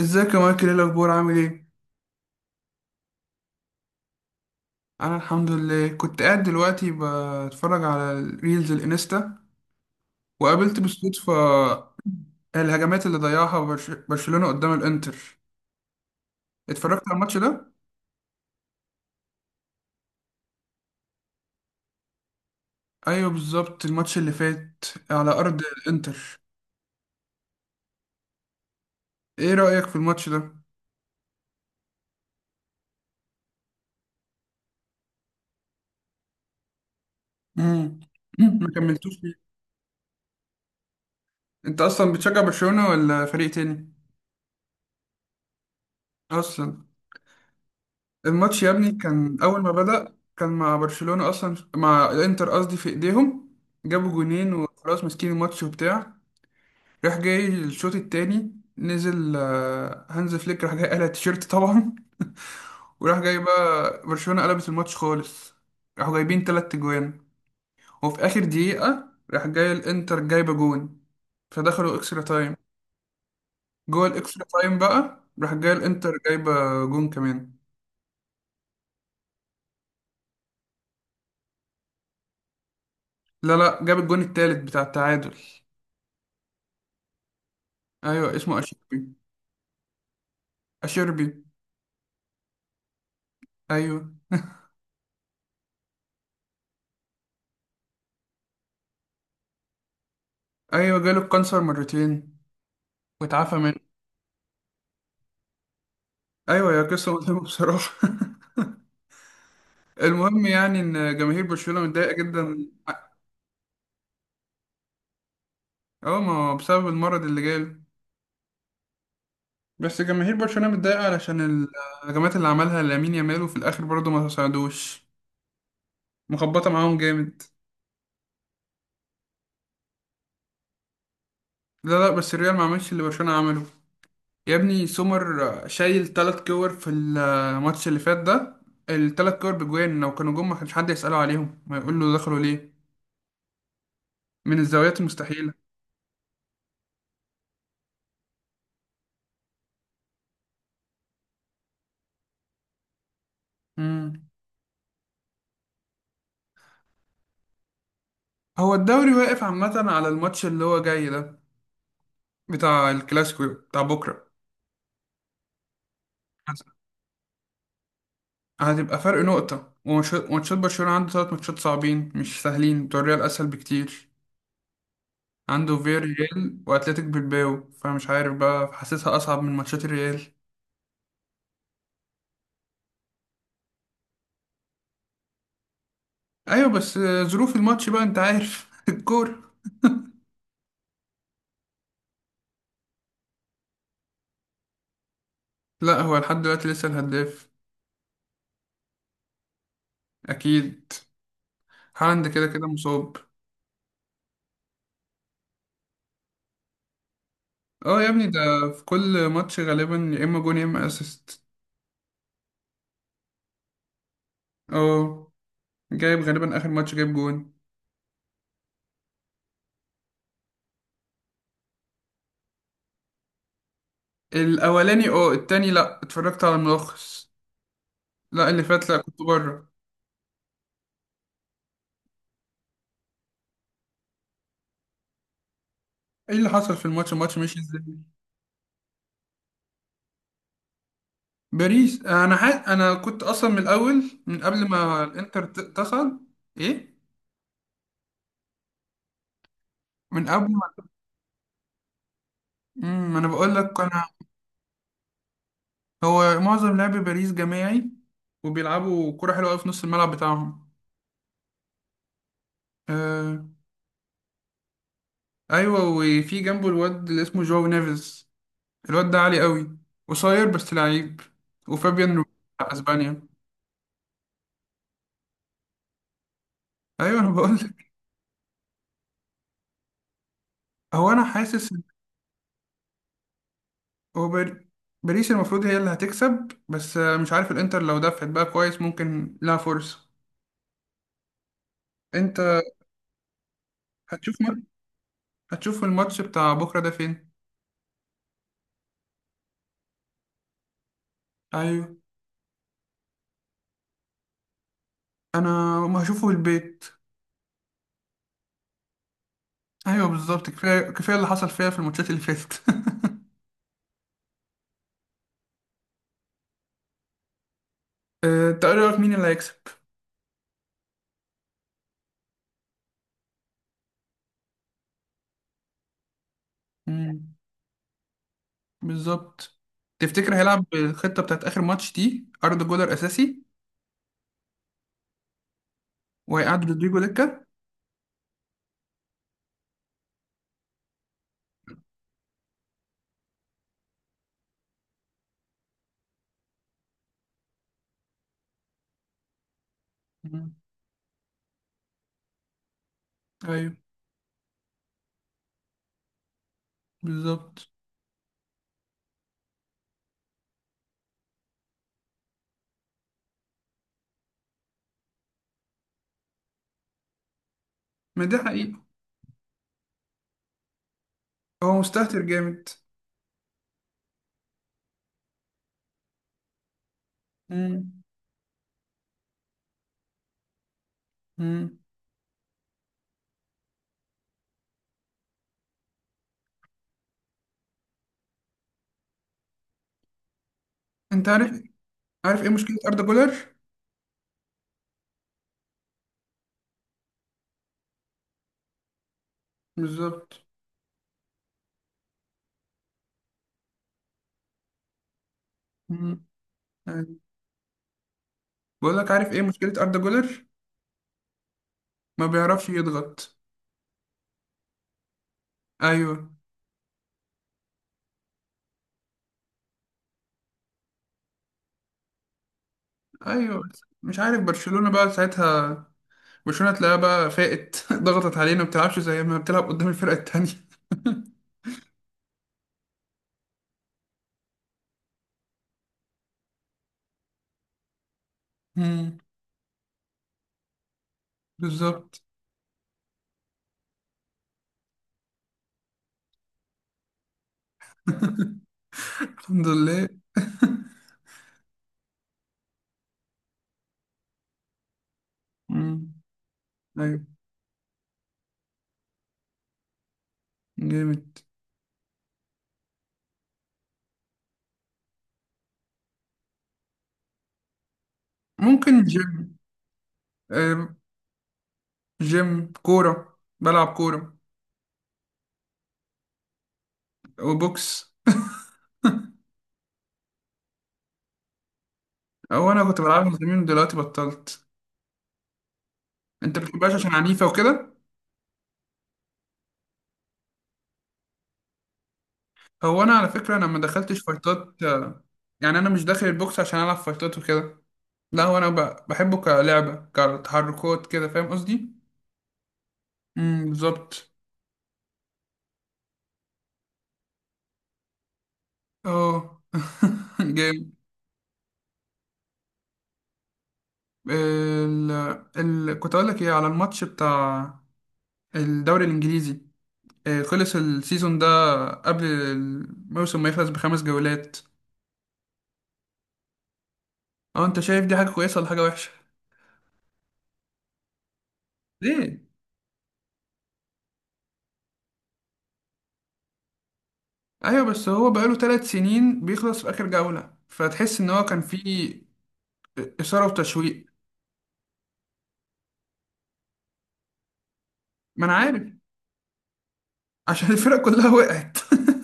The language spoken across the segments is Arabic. ازيك يا مايكل؟ ايه الاخبار؟ عامل ايه؟ انا الحمد لله. كنت قاعد دلوقتي بتفرج على الريلز الانستا وقابلت بالصدفه الهجمات اللي ضيعها برشلونه قدام الانتر. اتفرجت على الماتش ده. ايوه بالظبط، الماتش اللي فات على ارض الانتر. ايه رايك في الماتش ده؟ امم ما كملتوش ليه؟ انت اصلا بتشجع برشلونه ولا فريق تاني؟ اصلا الماتش يا ابني كان اول ما بدأ كان مع برشلونة، اصلا مع الانتر قصدي، في ايديهم. جابوا جونين وخلاص، ماسكين الماتش وبتاع. راح جاي الشوط التاني، نزل هانز فليك، راح جاي قلع التيشيرت طبعا. وراح جاي بقى برشلونة قلبت الماتش خالص، راحوا جايبين تلات جوان. وفي اخر دقيقة راح جاي الانتر جايبة جون، فدخلوا اكسترا تايم. جوه الاكسترا تايم بقى راح جاي الانتر جايبة جون كمان. لا لا، جاب الجون التالت بتاع التعادل. ايوه اسمه اشيربي. اشيربي. ايوه. ايوه جاله الكانسر مرتين واتعافى منه. ايوه، يا قصه مؤلمه بصراحه. المهم يعني ان جماهير برشلونه متضايقه جدا. اه ما هو بسبب المرض اللي جاله. بس جماهير برشلونه متضايقه علشان الهجمات اللي عملها لامين يامال وفي الاخر برضه ما ساعدوش، مخبطه معاهم جامد. لا لا، بس الريال ما عملش اللي برشلونه عمله. يا ابني سومر شايل تلات كور في الماتش اللي فات ده، التلات كور بجوان، لو كانوا جم ما كانش حد يسأله عليهم، ما يقول له دخلوا ليه من الزاويات المستحيلة. مم. هو الدوري واقف عامة على الماتش اللي هو جاي ده، بتاع الكلاسيكو بتاع بكرة. هتبقى فرق نقطة وماتشات برشلونة عنده تلات ماتشات صعبين مش سهلين، بتوع الريال أسهل بكتير. عنده فياريال وأتلتيك بالباو، فمش عارف بقى، حاسسها أصعب من ماتشات الريال. أيوة بس ظروف الماتش بقى أنت عارف الكورة. لا هو لحد دلوقتي لسه الهداف. اكيد. هالاند كده كده مصاب. اه يا ابني ده في كل ماتش غالبا يا اما جون يا اما اسيست. اه جايب غالبا، اخر ماتش جايب جون. الاولاني اه، التاني لا اتفرجت على الملخص. لا اللي فات لا، كنت بره. ايه اللي حصل في الماتش؟ الماتش مشي ازاي؟ باريس. انا حاسس، انا كنت اصلا من الاول، من قبل ما الانتر تصعد. ايه؟ من قبل ما ما انا بقول لك انا. هو معظم لعب باريس جماعي وبيلعبوا كرة حلوة أوي في نص الملعب بتاعهم. آه. أيوة وفي جنبه الواد اللي اسمه جواو نيفيز، الواد ده عالي أوي، قصير بس لعيب. وفابيان رو بتاع أسبانيا. أيوة أنا بقولك. هو أنا حاسس إن هو باريس المفروض هي اللي هتكسب، بس مش عارف الإنتر لو دفعت بقى كويس ممكن لها فرصة. أنت هتشوف هتشوف الماتش بتاع بكرة ده فين؟ أيوة، أنا ما هشوفه في البيت. ايوه بالظبط، كفايه كفايه اللي حصل فيها في الماتشات اللي فاتت. انت ايه رايك؟ مين اللي هيكسب؟ مم، بالظبط. تفتكر هيلعب بالخطه بتاعت اخر ماتش دي؟ اردا جولر اساسي وهيقعد رودريجو دكه. مم، ايوه بالظبط. ما ده حقيقي. هو مستهتر جامد. مم، مم. انت عارف، عارف ايه مشكله اردا جولر؟ بالظبط. مم، أيوة. بقول لك، عارف ايه مشكله اردا جولر؟ ما بيعرفش يضغط. ايوه. ايوه مش عارف برشلونه بقى ساعتها، برشلونة تلاقيها بقى فاقت ضغطت علينا، ما بتلعبش زي ما بتلعب قدام الفرقة التانية. مم. بالظبط. الحمد لله. مم. ايوه. جامد. ممكن جيم. آه، جيم كورة، بلعب كورة وبوكس. هو انا كنت بلعبها زمان ودلوقتي بطلت. انت بتحبهاش عشان عنيفة وكده. هو انا على فكرة انا ما دخلتش فايتات، يعني انا مش داخل البوكس عشان العب فايتات وكده. لا هو انا بحبه كلعبة كتحركات كده، فاهم قصدي؟ بالظبط. اه. جامد. ال... كنت اقول لك ايه على الماتش بتاع الدوري الانجليزي، خلص السيزون ده قبل الموسم ما يخلص ب5 جولات. اه انت شايف دي حاجة كويسة ولا حاجة وحشة؟ ليه؟ ايوه بس هو بقاله 3 سنين بيخلص في اخر جولة فتحس ان هو كان فيه اثارة وتشويق. ما انا عارف، عشان الفرق كلها وقعت.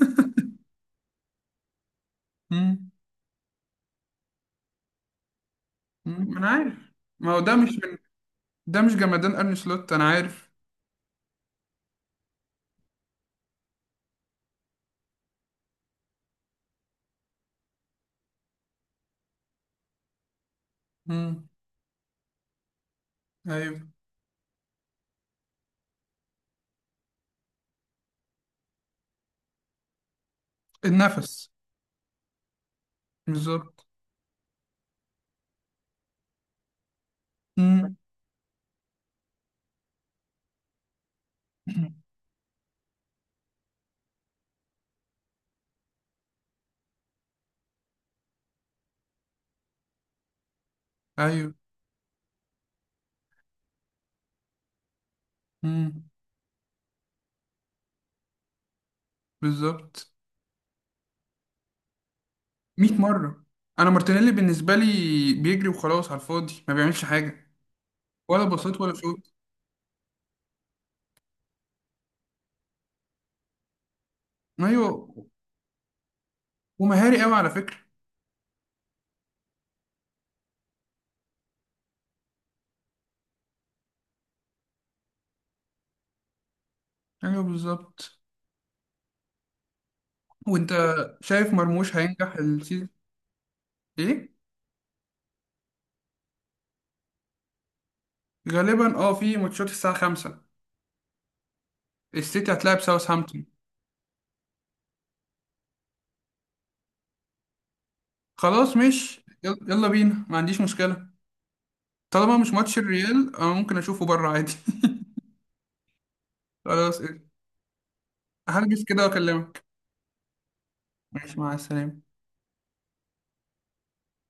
مم. مم. ما انا عارف. ما هو ده مش ده مش جمدان ارني سلوت انا عارف. مم. ايوه. النفس. بالظبط. مم. ايوه. مم. بالظبط. 100 مره. انا مارتينيلي بالنسبه لي بيجري وخلاص على الفاضي، ما بيعملش حاجه، ولا بسيط ولا شوط. ايوه. ومهاري قوي على فكره. ايوه بالظبط. وانت شايف مرموش هينجح السيزون؟ ايه؟ غالبا اه في ماتشات الساعه 5 السيتي هتلاعب ساوثهامبتون. خلاص مش يلا، يلا بينا، ما عنديش مشكله. طالما مش ماتش الريال انا ممكن اشوفه بره عادي. خلاص إيه. هلبس كده واكلمك. ماشي مع السلامه.